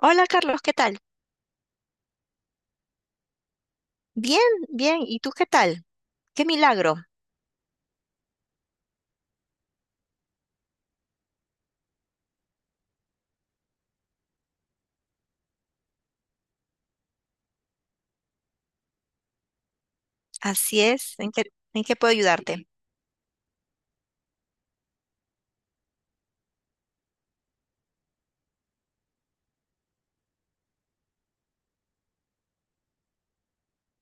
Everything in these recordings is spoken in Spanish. Hola Carlos, ¿qué tal? Bien, bien. ¿Y tú qué tal? Qué milagro. Así es. En qué puedo ayudarte?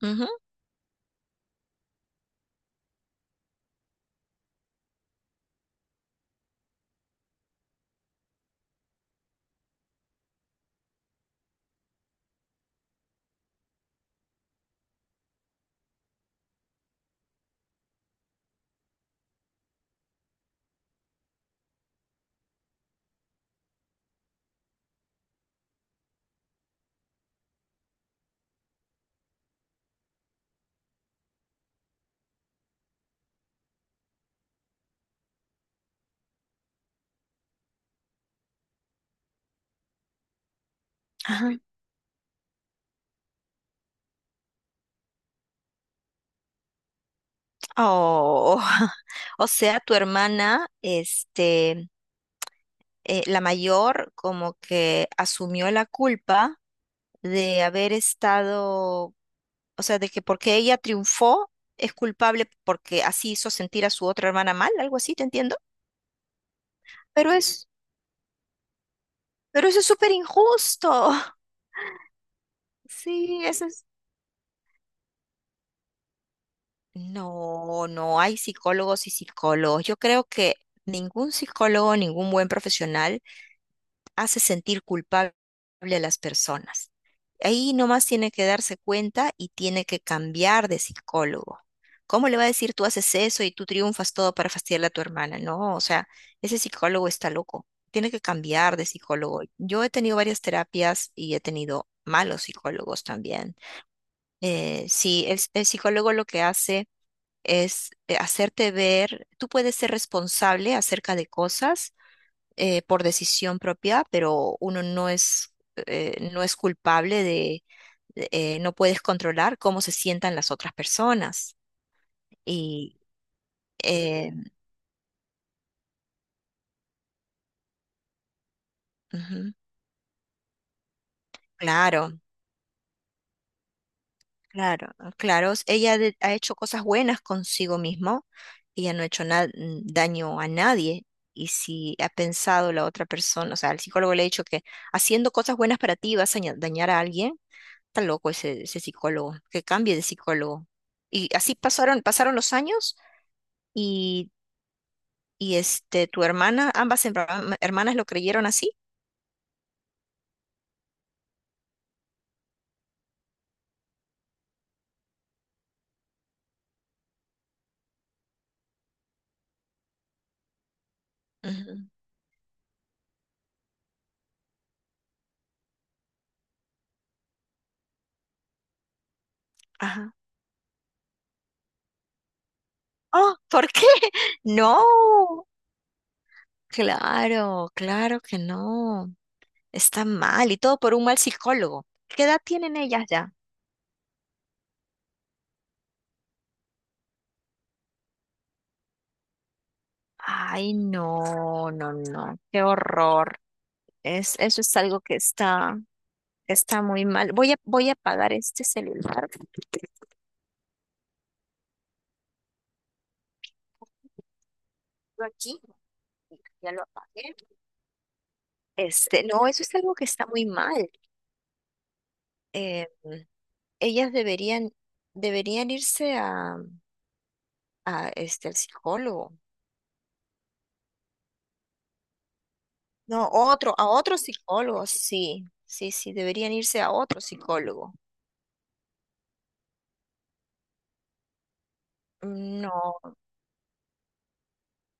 Ujú, ajá. Oh, o sea, tu hermana, la mayor, como que asumió la culpa de haber estado, o sea, de que porque ella triunfó es culpable porque así hizo sentir a su otra hermana mal, algo así, ¿te entiendo? Pero es, pero eso es súper injusto. Sí, eso es. No, no hay psicólogos y psicólogos. Yo creo que ningún psicólogo, ningún buen profesional hace sentir culpable a las personas. Ahí nomás tiene que darse cuenta y tiene que cambiar de psicólogo. ¿Cómo le va a decir tú haces eso y tú triunfas todo para fastidiarle a tu hermana? No, o sea, ese psicólogo está loco. Tiene que cambiar de psicólogo. Yo he tenido varias terapias y he tenido malos psicólogos también. Sí, el psicólogo lo que hace es hacerte ver, tú puedes ser responsable acerca de cosas por decisión propia, pero uno no es, no es culpable de, no puedes controlar cómo se sientan las otras personas. Y eh, ujú, claro, claro, claro, ha hecho cosas buenas consigo mismo, ella no ha hecho daño a nadie. Y si ha pensado la otra persona, o sea, el psicólogo le ha dicho que haciendo cosas buenas para ti vas a dañar a alguien, está loco ese, ese psicólogo, que cambie de psicólogo. Y así pasaron, pasaron los años y, y este, tu hermana, ambas hermanas lo creyeron así. Ujú. Ajá. Oh, ¿por qué? No, claro, claro que no. Está mal y todo por un mal psicólogo. ¿Qué edad tienen ellas ya? Ay, no, no, no, qué horror. Es, eso es algo que está, está muy mal. Voy a, voy a apagar este celular. Yo aquí. Ya lo apagué. Este, no, eso es algo que está muy mal. Eh, ellas deberían, deberían irse a este, al psicólogo. No, otro, a otro psicólogo, sí, sí, sí, deberían irse a otro psicólogo. No,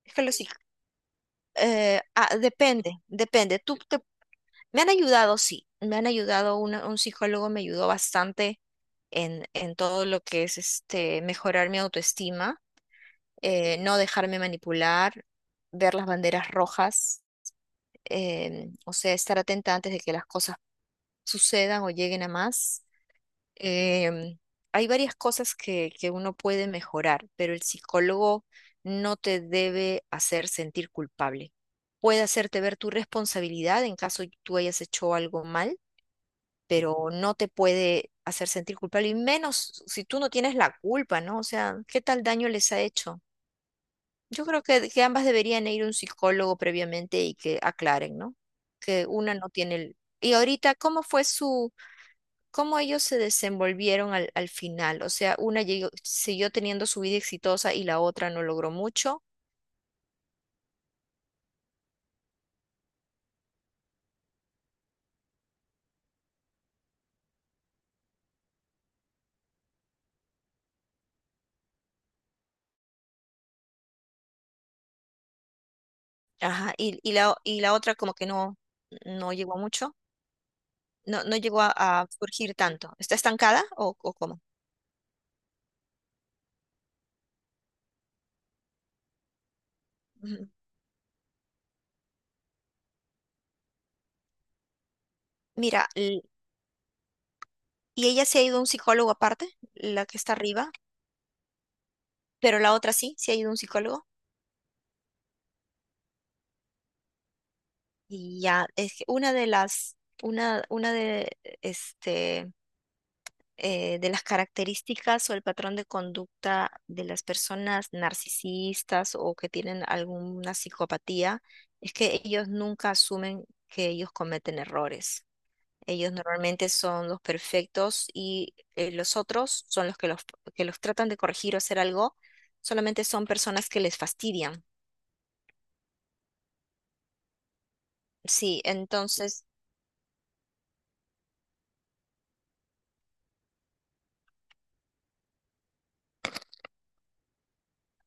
es que depende, depende. Me han ayudado, sí, me han ayudado, un psicólogo me ayudó bastante en todo lo que es este, mejorar mi autoestima no dejarme manipular, ver las banderas rojas, o sea, estar atenta antes de que las cosas sucedan o lleguen a más. Em, hay varias cosas que uno puede mejorar, pero el psicólogo no te debe hacer sentir culpable. Puede hacerte ver tu responsabilidad en caso tú hayas hecho algo mal, pero no te puede hacer sentir culpable, y menos si tú no tienes la culpa, ¿no? O sea, ¿qué tal daño les ha hecho? Yo creo que ambas deberían ir a un psicólogo previamente y que aclaren, ¿no? Que una no tiene el... Y ahorita, ¿cómo fue su, cómo ellos se desenvolvieron al, al final? O sea, siguió teniendo su vida exitosa y la otra no logró mucho. Ajá, y la otra como que no, no llegó a mucho, no, no llegó a surgir tanto. ¿Está estancada o cómo? Ujú. Mira, l- y ella se ha ido a un psicólogo aparte, la que está arriba, pero la otra sí, se ha ido a un psicólogo. Y ya, es que una de las, una de, este, de las características o el patrón de conducta de las personas narcisistas o que tienen alguna psicopatía es que ellos nunca asumen que ellos cometen errores. Ellos normalmente son los perfectos y los otros son los que los, que los tratan de corregir o hacer algo, solamente son personas que les fastidian. Sí, entonces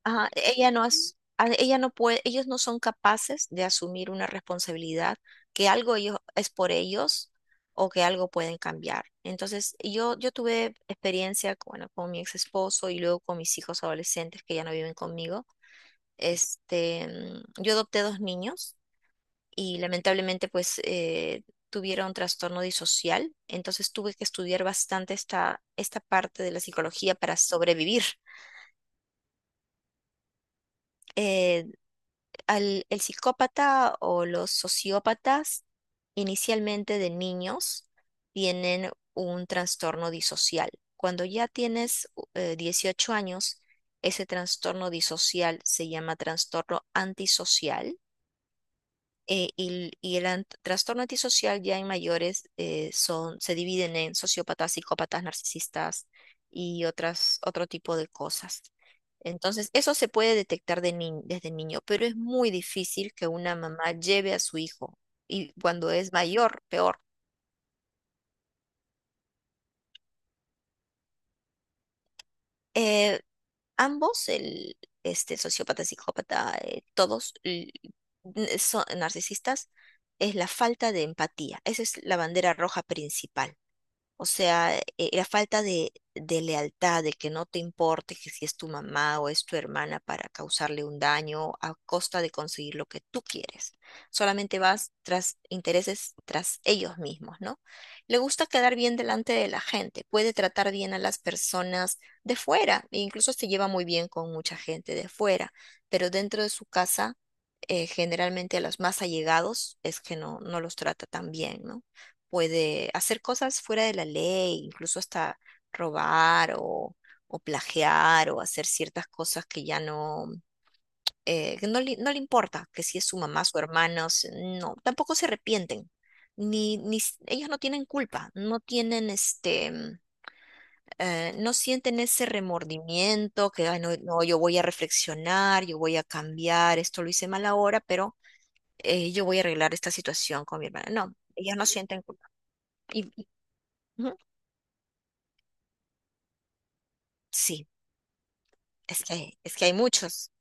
ajá, ella no as- a- ella no puede, ellos no son capaces de asumir una responsabilidad, que algo ellos es por ellos o que algo pueden cambiar. Entonces, yo tuve experiencia, con- bueno, con mi ex esposo y luego con mis hijos adolescentes que ya no viven conmigo. Este, mm, yo adopté dos niños y lamentablemente pues tuvieron trastorno disocial, entonces tuve que estudiar bastante esta, esta parte de la psicología para sobrevivir. Eh, el psicópata o los sociópatas inicialmente de niños tienen un trastorno disocial. Cuando ya tienes 18 años, ese trastorno disocial se llama trastorno antisocial y el trastorno antisocial ya en mayores son, se dividen en sociópatas, psicópatas, narcisistas y otras, otro tipo de cosas. Entonces, eso se puede detectar de desde niño, pero es muy difícil que una mamá lleve a su hijo y cuando es mayor, peor. Eh, ambos, el este, sociópata, psicópata, son narcisistas, es la falta de empatía. Esa es la bandera roja principal. O sea, la falta de lealtad, de que no te importe que si es tu mamá o es tu hermana para causarle un daño a costa de conseguir lo que tú quieres. Solamente vas tras intereses, tras ellos mismos, ¿no? Le gusta quedar bien delante de la gente, puede tratar bien a las personas de fuera, e incluso se lleva muy bien con mucha gente de fuera, pero dentro de su casa generalmente a los más allegados es que no, no los trata tan bien, ¿no? Puede hacer cosas fuera de la ley, incluso hasta robar o plagiar o hacer ciertas cosas que ya no, que no, no le importa, que si es su mamá, su hermano, no, tampoco se arrepienten. Ni, ni s- ellos no tienen culpa, no tienen no sienten ese remordimiento que, "Ay, no, no, yo voy a reflexionar, yo voy a cambiar, esto lo hice mal ahora, pero yo voy a arreglar esta situación con mi hermana". No, ellos no sienten culpa. Y, y- ujú, sí, es que hay muchos.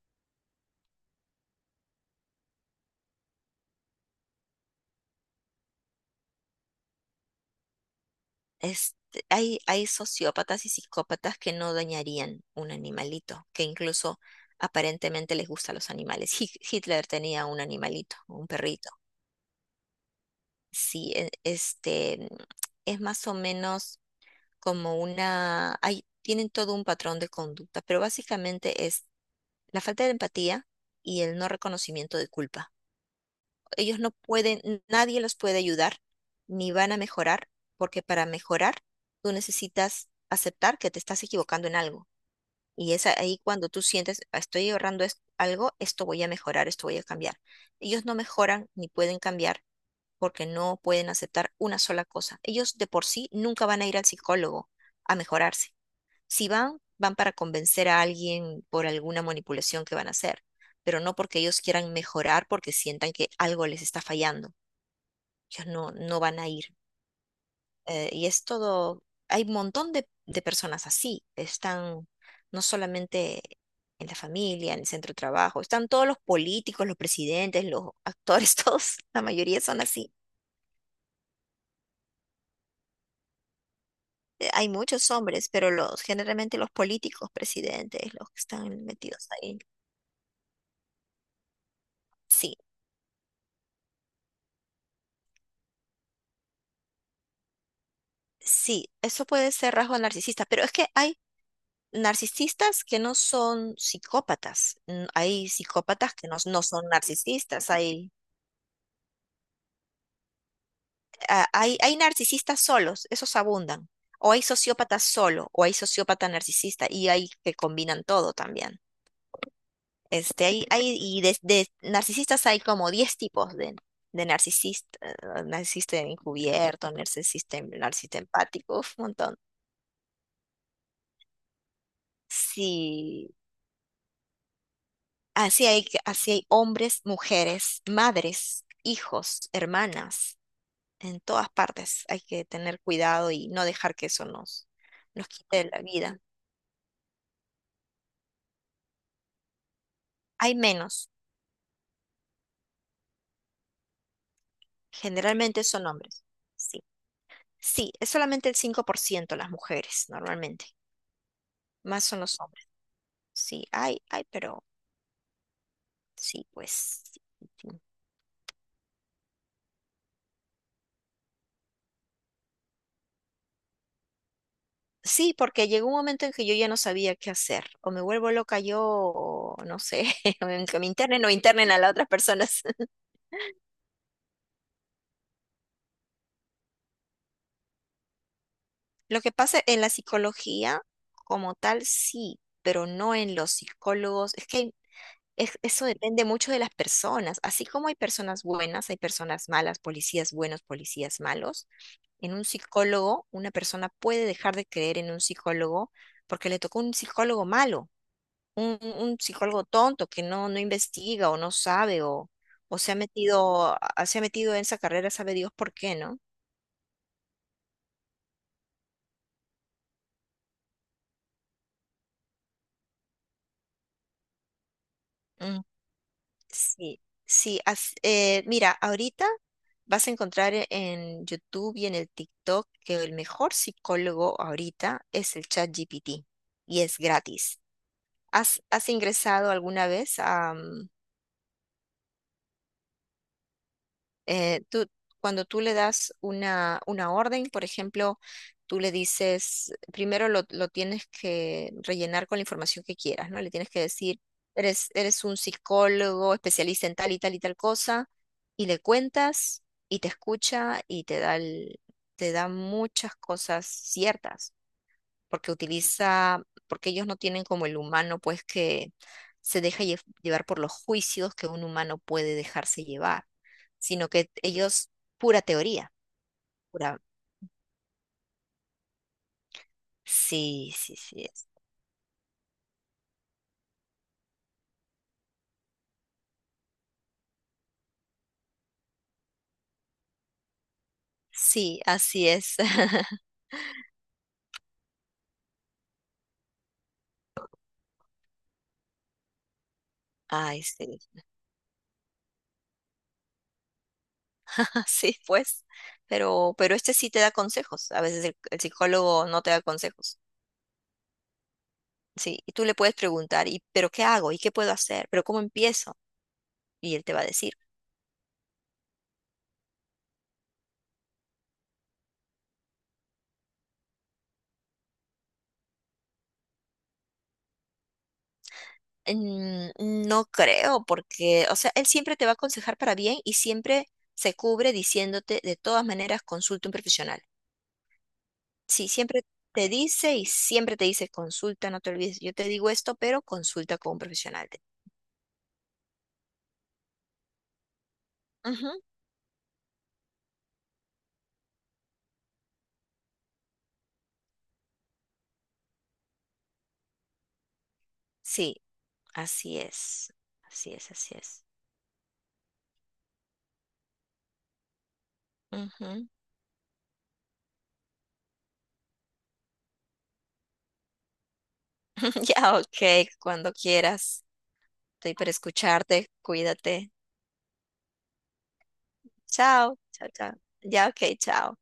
Este, hay sociópatas y psicópatas que no dañarían un animalito, que incluso aparentemente les gustan los animales. Hitler tenía un animalito, un perrito. Sí, este, es más o menos como una... Hay, tienen todo un patrón de conducta, pero básicamente es la falta de empatía y el no reconocimiento de culpa. Ellos no pueden, nadie los puede ayudar, ni van a mejorar, porque para mejorar tú necesitas aceptar que te estás equivocando en algo. Y es ahí cuando tú sientes, "Ah, estoy ahorrando algo, esto voy a mejorar, esto voy a cambiar". Ellos no mejoran ni pueden cambiar porque no pueden aceptar una sola cosa. Ellos de por sí nunca van a ir al psicólogo a mejorarse. Si van, van para convencer a alguien por alguna manipulación que van a hacer, pero no porque ellos quieran mejorar porque sientan que algo les está fallando, ellos no, no van a ir. Y es todo, hay un montón de personas así, están no solamente en la familia, en el centro de trabajo, están todos los políticos, los presidentes, los actores, todos, la mayoría son así. Hay muchos hombres, pero los generalmente los políticos, presidentes, los que están metidos ahí. Sí, sí, eso puede ser rasgo narcisista, pero es que hay narcisistas que no son psicópatas, mm, hay psicópatas que no, no son narcisistas, hay, hay narcisistas solos, esos abundan. O hay sociópatas solo, o hay sociópata narcisista, y hay que combinan todo también. Este, hay, y de narcisistas hay como 10 tipos de narcisista, narcisista encubierto, narcisista, narcisista empático, uf, un montón. Sí, así hay hombres, mujeres, madres, hijos, hermanas, en todas partes hay que tener cuidado y no dejar que eso nos, nos quite la vida. Hay menos. Generalmente son hombres. Sí. Sí, es solamente el 5% las mujeres, normalmente. Más son los hombres. Sí, hay, pero sí, pues. Sí, sí, porque llegó un momento en que yo ya no sabía qué hacer. O me vuelvo loca yo, o no sé, o en que me internen o internen a las otras personas. Lo que pasa en la psicología, como tal, sí, pero no en los psicólogos. Es que hay eso depende mucho de las personas. Así como hay personas buenas, hay personas malas, policías buenos, policías malos. En un psicólogo, una persona puede dejar de creer en un psicólogo porque le tocó un psicólogo malo, un psicólogo tonto que no, no investiga o no sabe o se ha metido, se ha metido en esa carrera, sabe Dios por qué, ¿no? Sí, sí, mira, ahorita vas a encontrar en YouTube y en el TikTok que el mejor psicólogo ahorita es el ChatGPT y es gratis. ¿Has, has ingresado alguna vez a, tú, cuando tú le das una orden, por ejemplo, tú le dices, primero lo tienes que rellenar con la información que quieras, ¿no? Le tienes que decir, eres, eres un psicólogo especialista en tal y tal y tal cosa, y le cuentas y te escucha y te da, te da muchas cosas ciertas porque utiliza, porque ellos no tienen como el humano, pues que se deja llevar por los juicios que un humano puede dejarse llevar, sino que ellos, pura teoría, pura... Sí, sí, sí es. Sí, así es. Ay, sí, sí, pues. Pero este sí te da consejos. A veces el psicólogo no te da consejos. Sí, y tú le puedes preguntar, ¿y pero qué hago? ¿Y qué puedo hacer? ¿Pero cómo empiezo? Y él te va a decir. Mm, no creo, porque, o sea, él siempre te va a aconsejar para bien y siempre se cubre diciéndote, de todas maneras, consulta un profesional. Sí, siempre te dice y siempre te dice, consulta, no te olvides, yo te digo esto, pero consulta con un profesional. Ujú, sí, así es, así es, así es. Ujú. Ya, ok, cuando quieras, estoy para escucharte, cuídate. Chao, chao, chao. Ya, ok, chao.